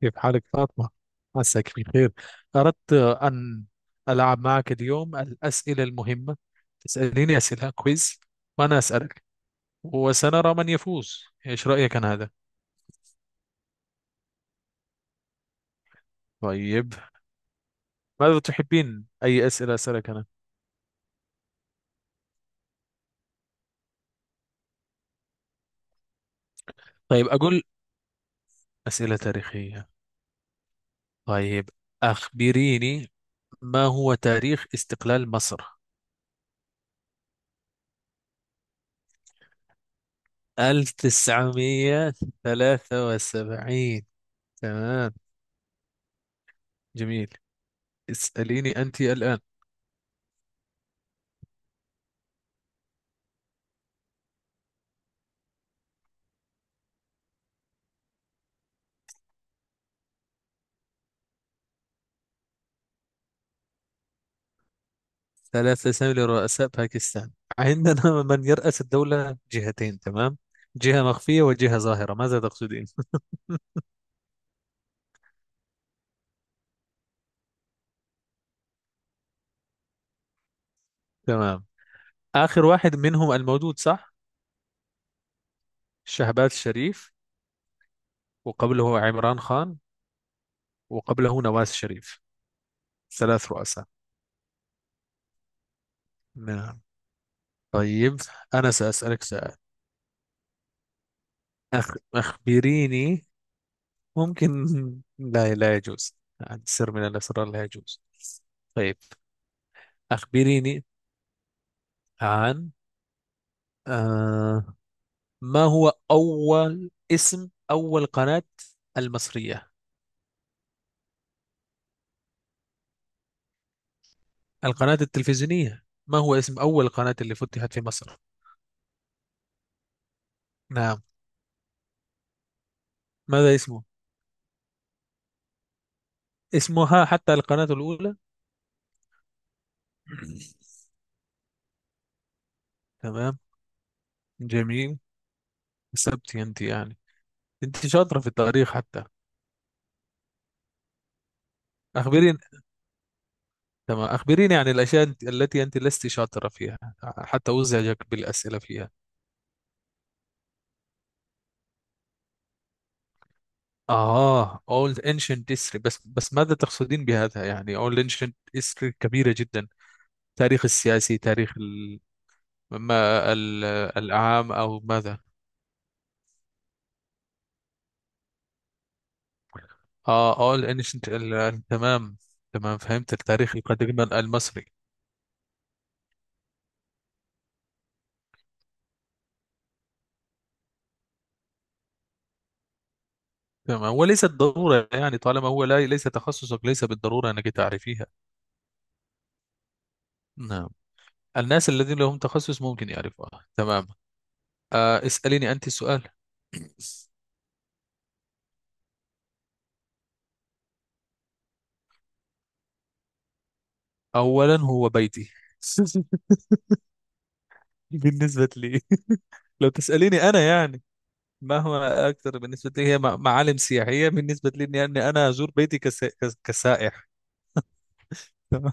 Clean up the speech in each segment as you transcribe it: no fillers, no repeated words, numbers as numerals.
كيف حالك فاطمة؟ عساك بخير. أردت أن ألعب معك اليوم الأسئلة المهمة، تسأليني أسئلة كويز وأنا أسألك، وسنرى من يفوز. إيش رأيك عن هذا؟ طيب، ماذا تحبين؟ أي أسئلة أسألك أنا؟ طيب، أقول أسئلة تاريخية. طيب، أخبريني، ما هو تاريخ استقلال مصر؟ 1973؟ تمام، جميل. اسأليني أنت الآن. ثلاث أسامي لرؤساء باكستان؟ عندنا من يرأس الدولة جهتين. تمام، جهة مخفية وجهة ظاهرة. ماذا تقصدين؟ تمام، آخر واحد منهم الموجود، صح؟ شهباز شريف، وقبله عمران خان، وقبله نواز شريف. ثلاث رؤساء. نعم، طيب. أنا سأسألك سؤال. أخبريني، ممكن؟ لا، لا يجوز عن سر من الأسرار، لا يجوز. طيب، أخبريني عن، آه... ما هو أول قناة المصرية، القناة التلفزيونية؟ ما هو اسم أول قناة اللي فتحت في مصر؟ نعم. ماذا اسمه؟ اسمها حتى القناة الأولى. تمام، جميل. كسبت أنت يعني، أنت شاطرة في التاريخ حتى. أخبريني. تمام، أخبريني عن الأشياء التي أنت لست شاطرة فيها، حتى أزعجك بالأسئلة فيها. Old Ancient History. بس، ماذا تقصدين بهذا؟ يعني Old Ancient History كبيرة جدا. تاريخ السياسي، ما ال... العام أو ماذا؟ All ancient تمام، تمام، فهمت. التاريخ القديم المصري. تمام، وليست ضرورة يعني، طالما هو لا، ليس تخصصك، ليس بالضرورة أنك تعرفيها. نعم، الناس الذين لهم تخصص ممكن يعرفوها. تمام، اسأليني أنت السؤال. أولا، هو بيتي. بالنسبة لي، لو تسأليني أنا يعني، مهما اكتر بالنسبه لي هي معالم سياحيه، بالنسبه لي اني أني انا ازور بيتي كسائح. تمام.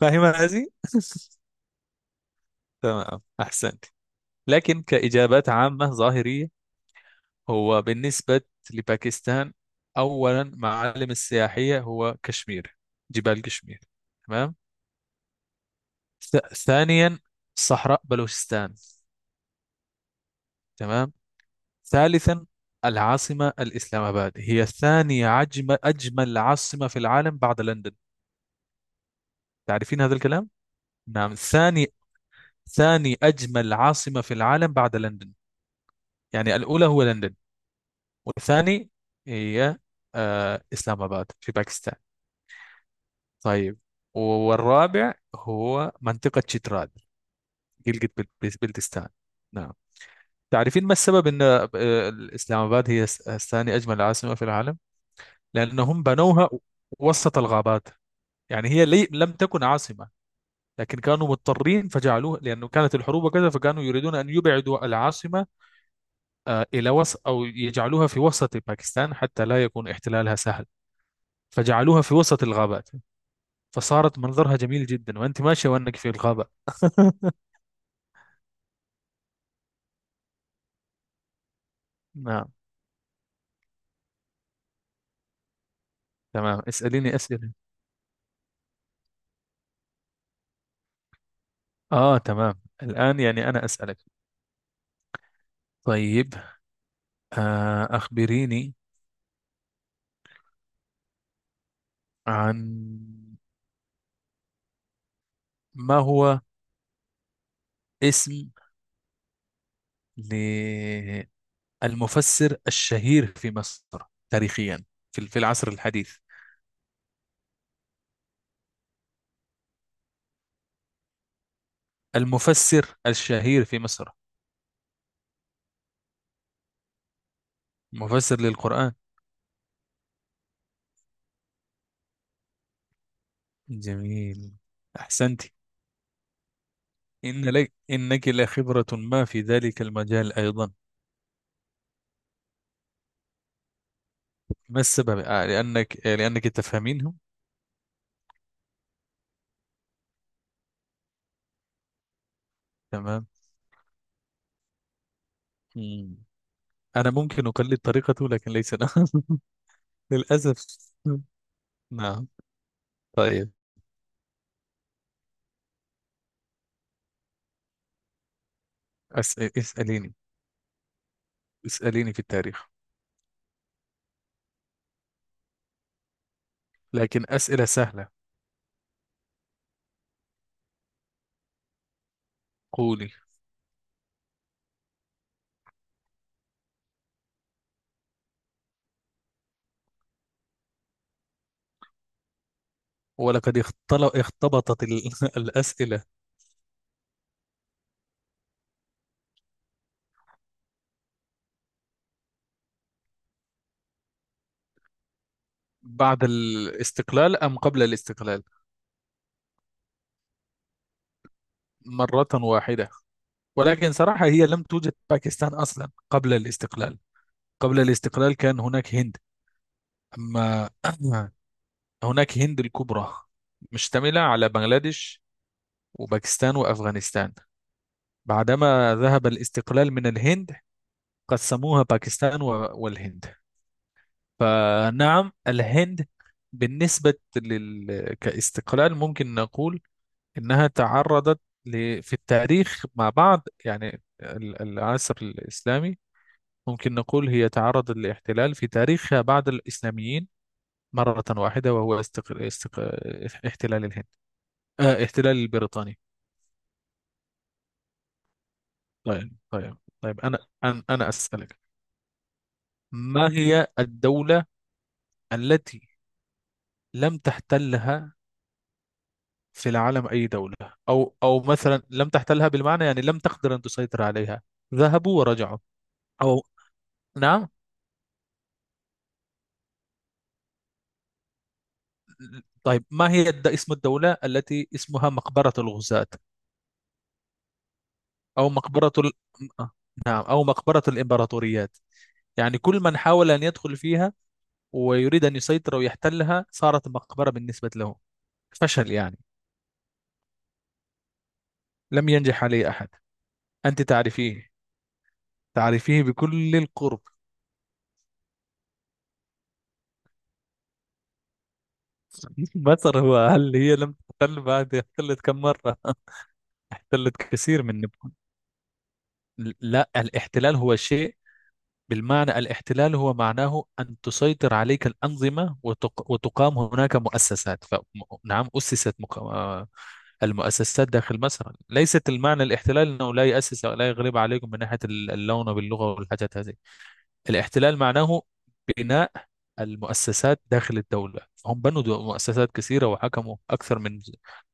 فاهمه هذه. تمام، احسنت. لكن كاجابات عامه ظاهريه، هو بالنسبه لباكستان، اولا معالم السياحيه هو كشمير، جبال كشمير. تمام. ثانيا، صحراء بلوچستان. تمام. ثالثا، العاصمه الاسلام اباد هي ثاني اجمل عاصمه في العالم بعد لندن. تعرفين هذا الكلام؟ نعم، ثاني أجمل عاصمة في العالم بعد لندن. يعني الأولى هو لندن، والثاني هي، إسلام آباد في باكستان. طيب، والرابع هو منطقة شتراد، گلگت بلتستان. نعم. تعرفين ما السبب أن إسلام آباد هي ثاني أجمل عاصمة في العالم؟ لأنهم بنوها وسط الغابات. يعني هي لم تكن عاصمة، لكن كانوا مضطرين فجعلوها، لأنه كانت الحروب وكذا، فكانوا يريدون أن يبعدوا العاصمة إلى وسط، أو يجعلوها في وسط باكستان حتى لا يكون احتلالها سهل، فجعلوها في وسط الغابات. فصارت منظرها جميل جدا وأنت ماشية، وأنك في الغابة. نعم، تمام، اسأليني أسئلة. تمام، الآن يعني أنا أسألك. طيب، أخبريني عن، ما هو اسم للمفسر الشهير في مصر، تاريخيا، في العصر الحديث؟ المفسر الشهير في مصر، مفسر للقرآن. جميل، أحسنت. إن لك إنك لخبرة ما في ذلك المجال أيضا. ما السبب؟ لأنك تفهمينه. تمام. مم. أنا ممكن أقلد طريقته، لكن ليس أنا. للأسف. نعم، طيب. أس... اسأليني اسأليني في التاريخ، لكن أسئلة سهلة. قولي. ولقد اختبطت الأسئلة. بعد الاستقلال أم قبل الاستقلال؟ مرة واحدة، ولكن صراحة هي لم توجد باكستان أصلا قبل الاستقلال. قبل الاستقلال كان هناك هند. أما، هناك هند الكبرى، مشتملة على بنغلاديش وباكستان وأفغانستان. بعدما ذهب الاستقلال من الهند، قسموها باكستان والهند. فنعم، الهند. بالنسبة كاستقلال، ممكن نقول إنها تعرضت في التاريخ مع بعض، يعني العصر الإسلامي، ممكن نقول هي تعرضت للاحتلال في تاريخها بعد الإسلاميين مرة واحدة، وهو احتلال الهند، احتلال البريطاني. طيب، طيب، طيب. أنا أسألك. ما هي الدولة التي لم تحتلها في العالم؟ أي دولة. أو مثلا لم تحتلها بالمعنى، يعني لم تقدر أن تسيطر عليها، ذهبوا ورجعوا. أو، نعم. طيب، ما هي اسم الدولة التي اسمها مقبرة الغزاة، أو مقبرة ال... آه، نعم، أو مقبرة الإمبراطوريات؟ يعني كل من حاول أن يدخل فيها ويريد أن يسيطر ويحتلها، صارت مقبرة بالنسبة له، فشل يعني، لم ينجح عليه أحد. أنت تعرفيه، تعرفيه بكل القرب. مصر؟ هل هي لم تحتل؟ بعد احتلت كم مرة. احتلت كثير من نبوء. لا، الاحتلال هو شيء بالمعنى، الاحتلال هو معناه أن تسيطر عليك الأنظمة، وتقام هناك مؤسسات نعم، أسست مق... آه، المؤسسات داخل مصر. ليست المعنى الاحتلال أنه لا يؤسس أو لا يغلب عليكم من ناحية اللون، باللغة والحاجات هذه. الاحتلال معناه بناء المؤسسات داخل الدولة. هم بنوا مؤسسات كثيرة وحكموا أكثر من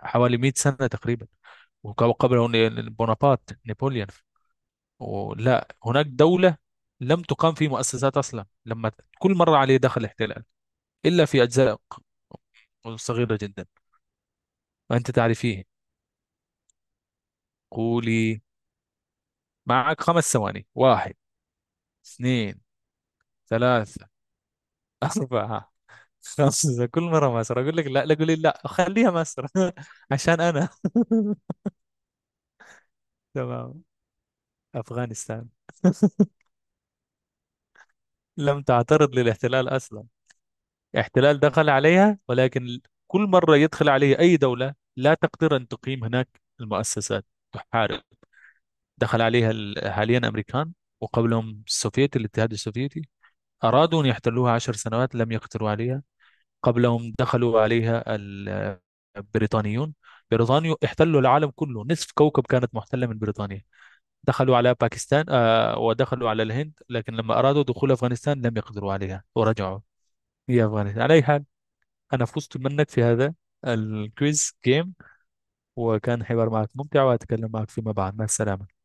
حوالي 100 سنة تقريبا. وقبل بونابرت نابليون، لا، هناك دولة لم تقام في مؤسسات أصلا، لما كل مرة عليه دخل احتلال إلا في أجزاء صغيرة جدا. وأنت تعرفيه. قولي. معك 5 ثواني. واحد، اثنين، ثلاثة، أربعة، خمسة. كل مرة مصر. أقول لك لا، لا، قولي لا، خليها مصر. عشان أنا. تمام. أفغانستان لم تعترض للاحتلال أصلا. احتلال دخل عليها، ولكن كل مرة يدخل عليها أي دولة لا تقدر أن تقيم هناك المؤسسات، تحارب. دخل عليها حاليا أمريكان، وقبلهم السوفيت، الاتحاد السوفيتي، أرادوا أن يحتلوها 10 سنوات لم يقدروا عليها. قبلهم دخلوا عليها البريطانيون. بريطانيا احتلوا العالم كله، نصف كوكب كانت محتلة من بريطانيا. دخلوا على باكستان، ودخلوا على الهند، لكن لما أرادوا دخول أفغانستان لم يقدروا عليها ورجعوا. هي أفغانستان على أي حال. أنا فزت منك في هذا الكويز جيم. وكان حوار معك ممتع، وأتكلم معك فيما بعد. مع السلامة.